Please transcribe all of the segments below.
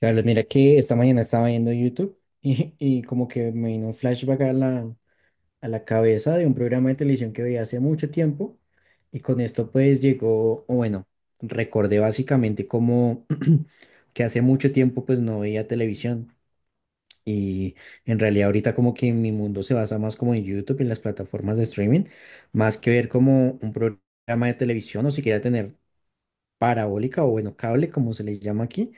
Carlos, mira que esta mañana estaba viendo YouTube y como que me vino un flashback a la cabeza de un programa de televisión que veía hace mucho tiempo y con esto pues llegó, o bueno, recordé básicamente como que hace mucho tiempo pues no veía televisión y en realidad ahorita como que mi mundo se basa más como en YouTube y en las plataformas de streaming, más que ver como un programa de televisión o siquiera tener parabólica o bueno, cable como se le llama aquí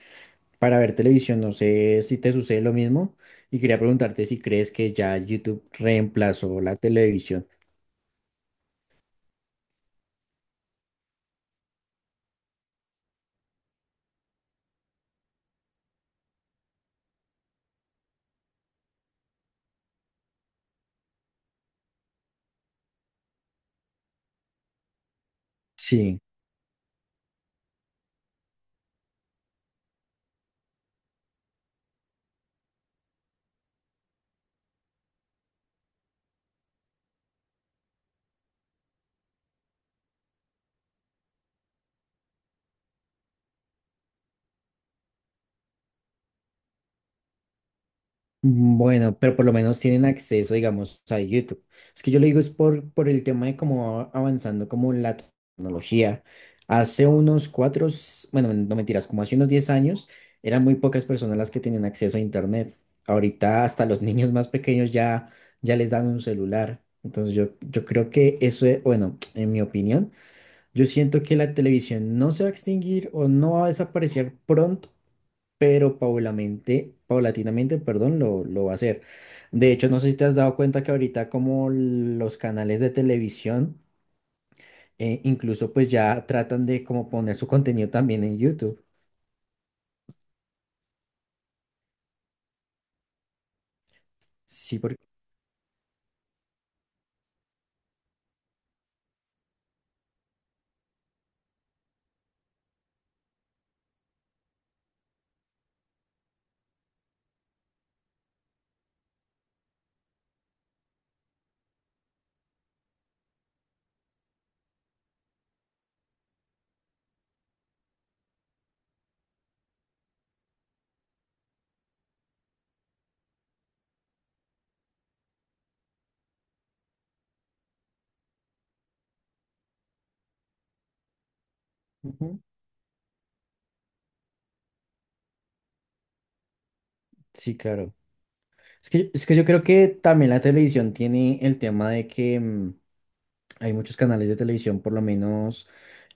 para ver televisión. No sé si te sucede lo mismo y quería preguntarte si crees que ya YouTube reemplazó la televisión. Sí, bueno, pero por lo menos tienen acceso, digamos, a YouTube. Es que yo le digo es por el tema de cómo va avanzando como la tecnología. Hace unos cuatro, s- Bueno, no mentiras, como hace unos 10 años, eran muy pocas personas las que tenían acceso a Internet. Ahorita hasta los niños más pequeños ya, ya les dan un celular. Entonces yo creo que bueno, en mi opinión, yo siento que la televisión no se va a extinguir o no va a desaparecer pronto, pero paulatinamente, paulatinamente, perdón, lo va a hacer. De hecho, no sé si te has dado cuenta que ahorita como los canales de televisión, incluso pues ya tratan de como poner su contenido también en YouTube. Sí, porque… Ujú. Sí, claro. Es que yo creo que también la televisión tiene el tema de que hay muchos canales de televisión, por lo menos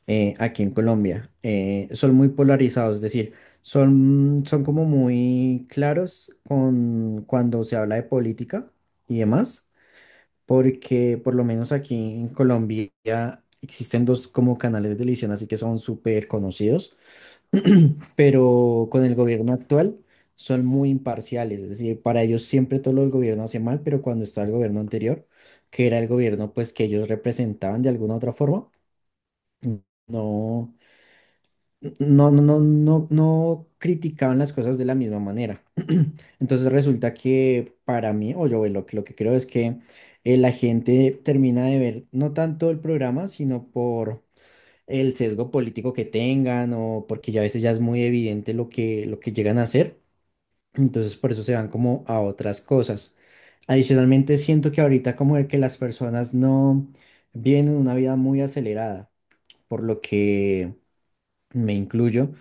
aquí en Colombia. Son muy polarizados, es decir, son como muy claros con cuando se habla de política y demás, porque por lo menos aquí en Colombia existen dos como canales de televisión, así que son súper conocidos, pero con el gobierno actual son muy imparciales, es decir, para ellos siempre todo el gobierno hace mal, pero cuando está el gobierno anterior, que era el gobierno pues que ellos representaban de alguna otra forma, no no criticaban las cosas de la misma manera. Entonces resulta que para mí, o lo que creo es que la gente termina de ver no tanto el programa, sino por el sesgo político que tengan o porque ya a veces ya es muy evidente lo que llegan a hacer. Entonces por eso se van como a otras cosas. Adicionalmente siento que ahorita como el que las personas no viven una vida muy acelerada, por lo que me incluyo,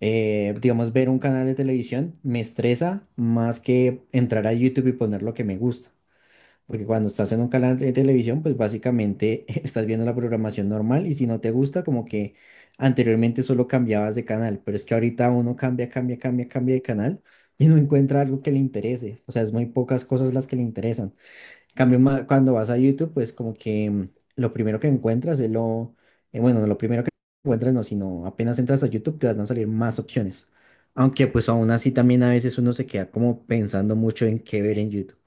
digamos, ver un canal de televisión me estresa más que entrar a YouTube y poner lo que me gusta. Porque cuando estás en un canal de televisión, pues básicamente estás viendo la programación normal y si no te gusta, como que anteriormente solo cambiabas de canal, pero es que ahorita uno cambia, cambia, cambia, cambia de canal y no encuentra algo que le interese. O sea, es muy pocas cosas las que le interesan. En cambio, cuando vas a YouTube, pues como que lo primero que encuentras es bueno, no lo primero que encuentras no, sino apenas entras a YouTube te van a salir más opciones. Aunque pues aún así también a veces uno se queda como pensando mucho en qué ver en YouTube.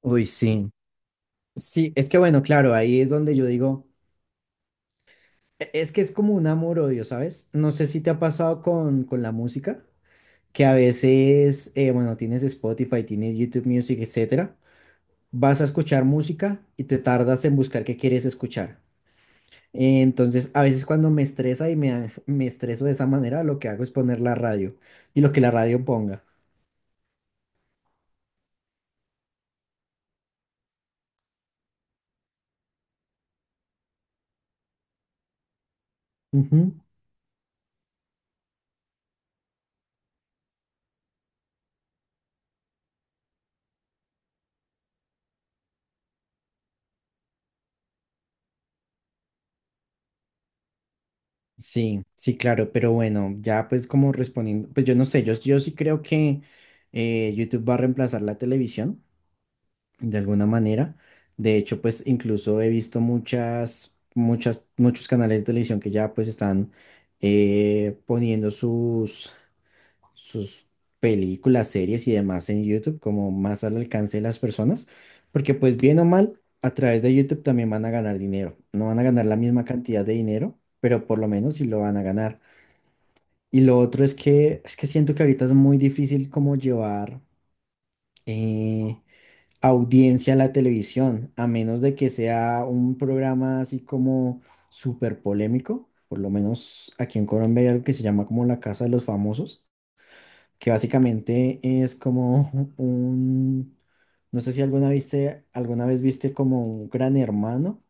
Uy, sí. Sí, es que bueno, claro, ahí es donde yo digo, es que es como un amor-odio, ¿sabes? No sé si te ha pasado con la música, que a veces, bueno, tienes Spotify, tienes YouTube Music, etcétera, vas a escuchar música y te tardas en buscar qué quieres escuchar. Entonces, a veces cuando me estresa y me, da- me estreso de esa manera, lo que hago es poner la radio y lo que la radio ponga. Ujú. Sí, sí, claro, pero bueno, ya pues como respondiendo, pues yo no sé, yo sí creo que, YouTube va a reemplazar la televisión de alguna manera. De hecho, pues incluso he visto muchos canales de televisión que ya pues están poniendo sus películas, series y demás en YouTube, como más al alcance de las personas, porque pues bien o mal, a través de YouTube también van a ganar dinero. No van a ganar la misma cantidad de dinero, pero por lo menos sí lo van a ganar. Y lo otro es que siento que ahorita es muy difícil como llevar, eh, audiencia a la televisión, a menos de que sea un programa así como súper polémico. Por lo menos aquí en Colombia hay algo que se llama como la Casa de los Famosos que básicamente es como un, no sé si alguna viste, alguna vez viste como un Gran Hermano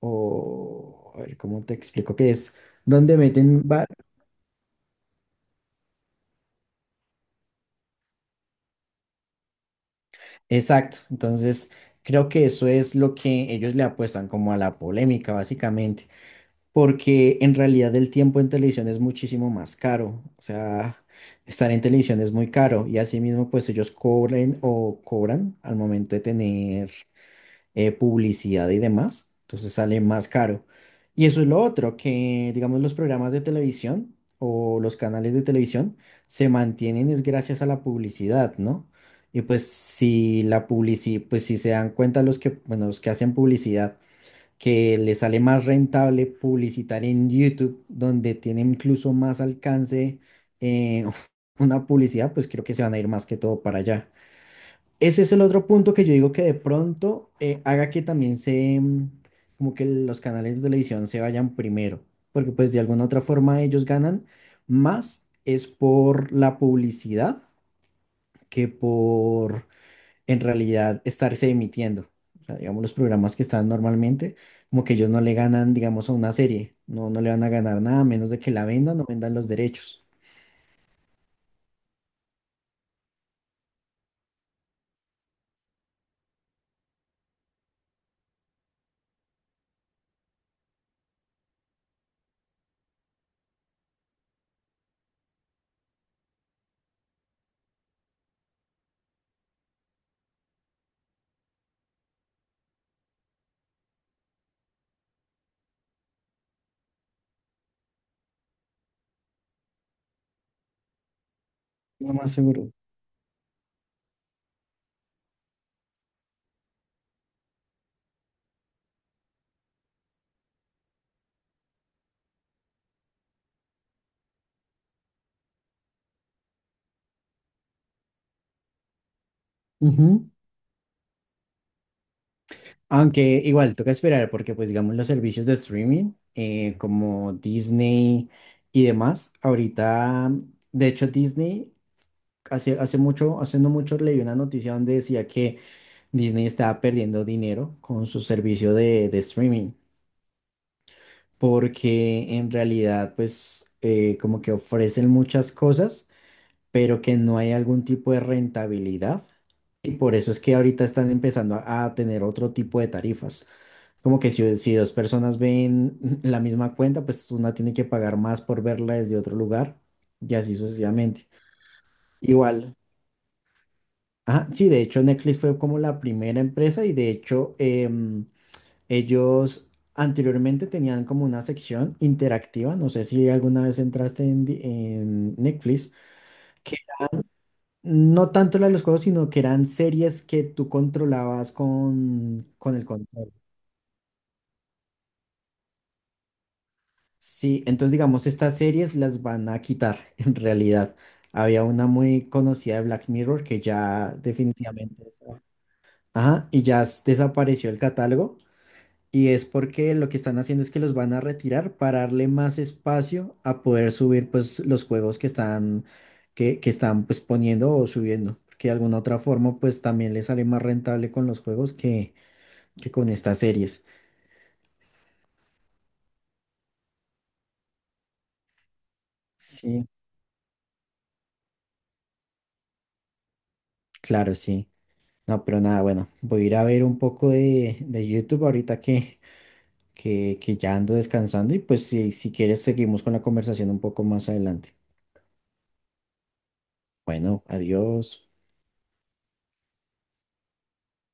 o, a ver, ¿cómo te explico qué es? Donde meten, exacto, entonces creo que eso es lo que ellos le apuestan como a la polémica básicamente, porque en realidad el tiempo en televisión es muchísimo más caro, o sea… Estar en televisión es muy caro y asimismo pues ellos cobren o cobran al momento de tener publicidad y demás, entonces sale más caro. Y eso es lo otro, que digamos los programas de televisión o los canales de televisión se mantienen es gracias a la publicidad, ¿no? Y pues si pues si se dan cuenta bueno, los que hacen publicidad, que les sale más rentable publicitar en YouTube, donde tiene incluso más alcance, eh, una publicidad, pues creo que se van a ir más que todo para allá. Ese es el otro punto que yo digo que de pronto haga que también como que los canales de televisión se vayan primero, porque pues de alguna otra forma ellos ganan más es por la publicidad que por en realidad estarse emitiendo. O sea, digamos, los programas que están normalmente, como que ellos no le ganan, digamos, a una serie, no, no le van a ganar nada a menos de que la vendan o vendan los derechos. No, más seguro. Aunque igual toca esperar porque pues digamos los servicios de streaming, como Disney y demás, ahorita de hecho Disney hace no mucho leí una noticia donde decía que Disney estaba perdiendo dinero con su servicio de streaming porque en realidad pues como que ofrecen muchas cosas pero que no hay algún tipo de rentabilidad y por eso es que ahorita están empezando a tener otro tipo de tarifas. Como que si 2 personas ven la misma cuenta, pues una tiene que pagar más por verla desde otro lugar y así sucesivamente. Igual. Ajá, sí, de hecho Netflix fue como la primera empresa y de hecho ellos anteriormente tenían como una sección interactiva, no sé si alguna vez en Netflix, que no tanto la de los juegos, sino que eran series que tú controlabas con el control. Sí, entonces digamos, estas series las van a quitar en realidad. Había una muy conocida de Black Mirror que ya definitivamente… esa- Ajá, y ya desapareció el catálogo. Y es porque lo que están haciendo es que los van a retirar para darle más espacio a poder subir pues los juegos que están, que están pues poniendo o subiendo. Porque de alguna otra forma pues también les sale más rentable con los juegos que con estas series. Sí, claro, sí. No, pero nada, bueno, voy a ir a ver un poco de YouTube ahorita que ya ando descansando y pues si quieres seguimos con la conversación un poco más adelante. Bueno, adiós.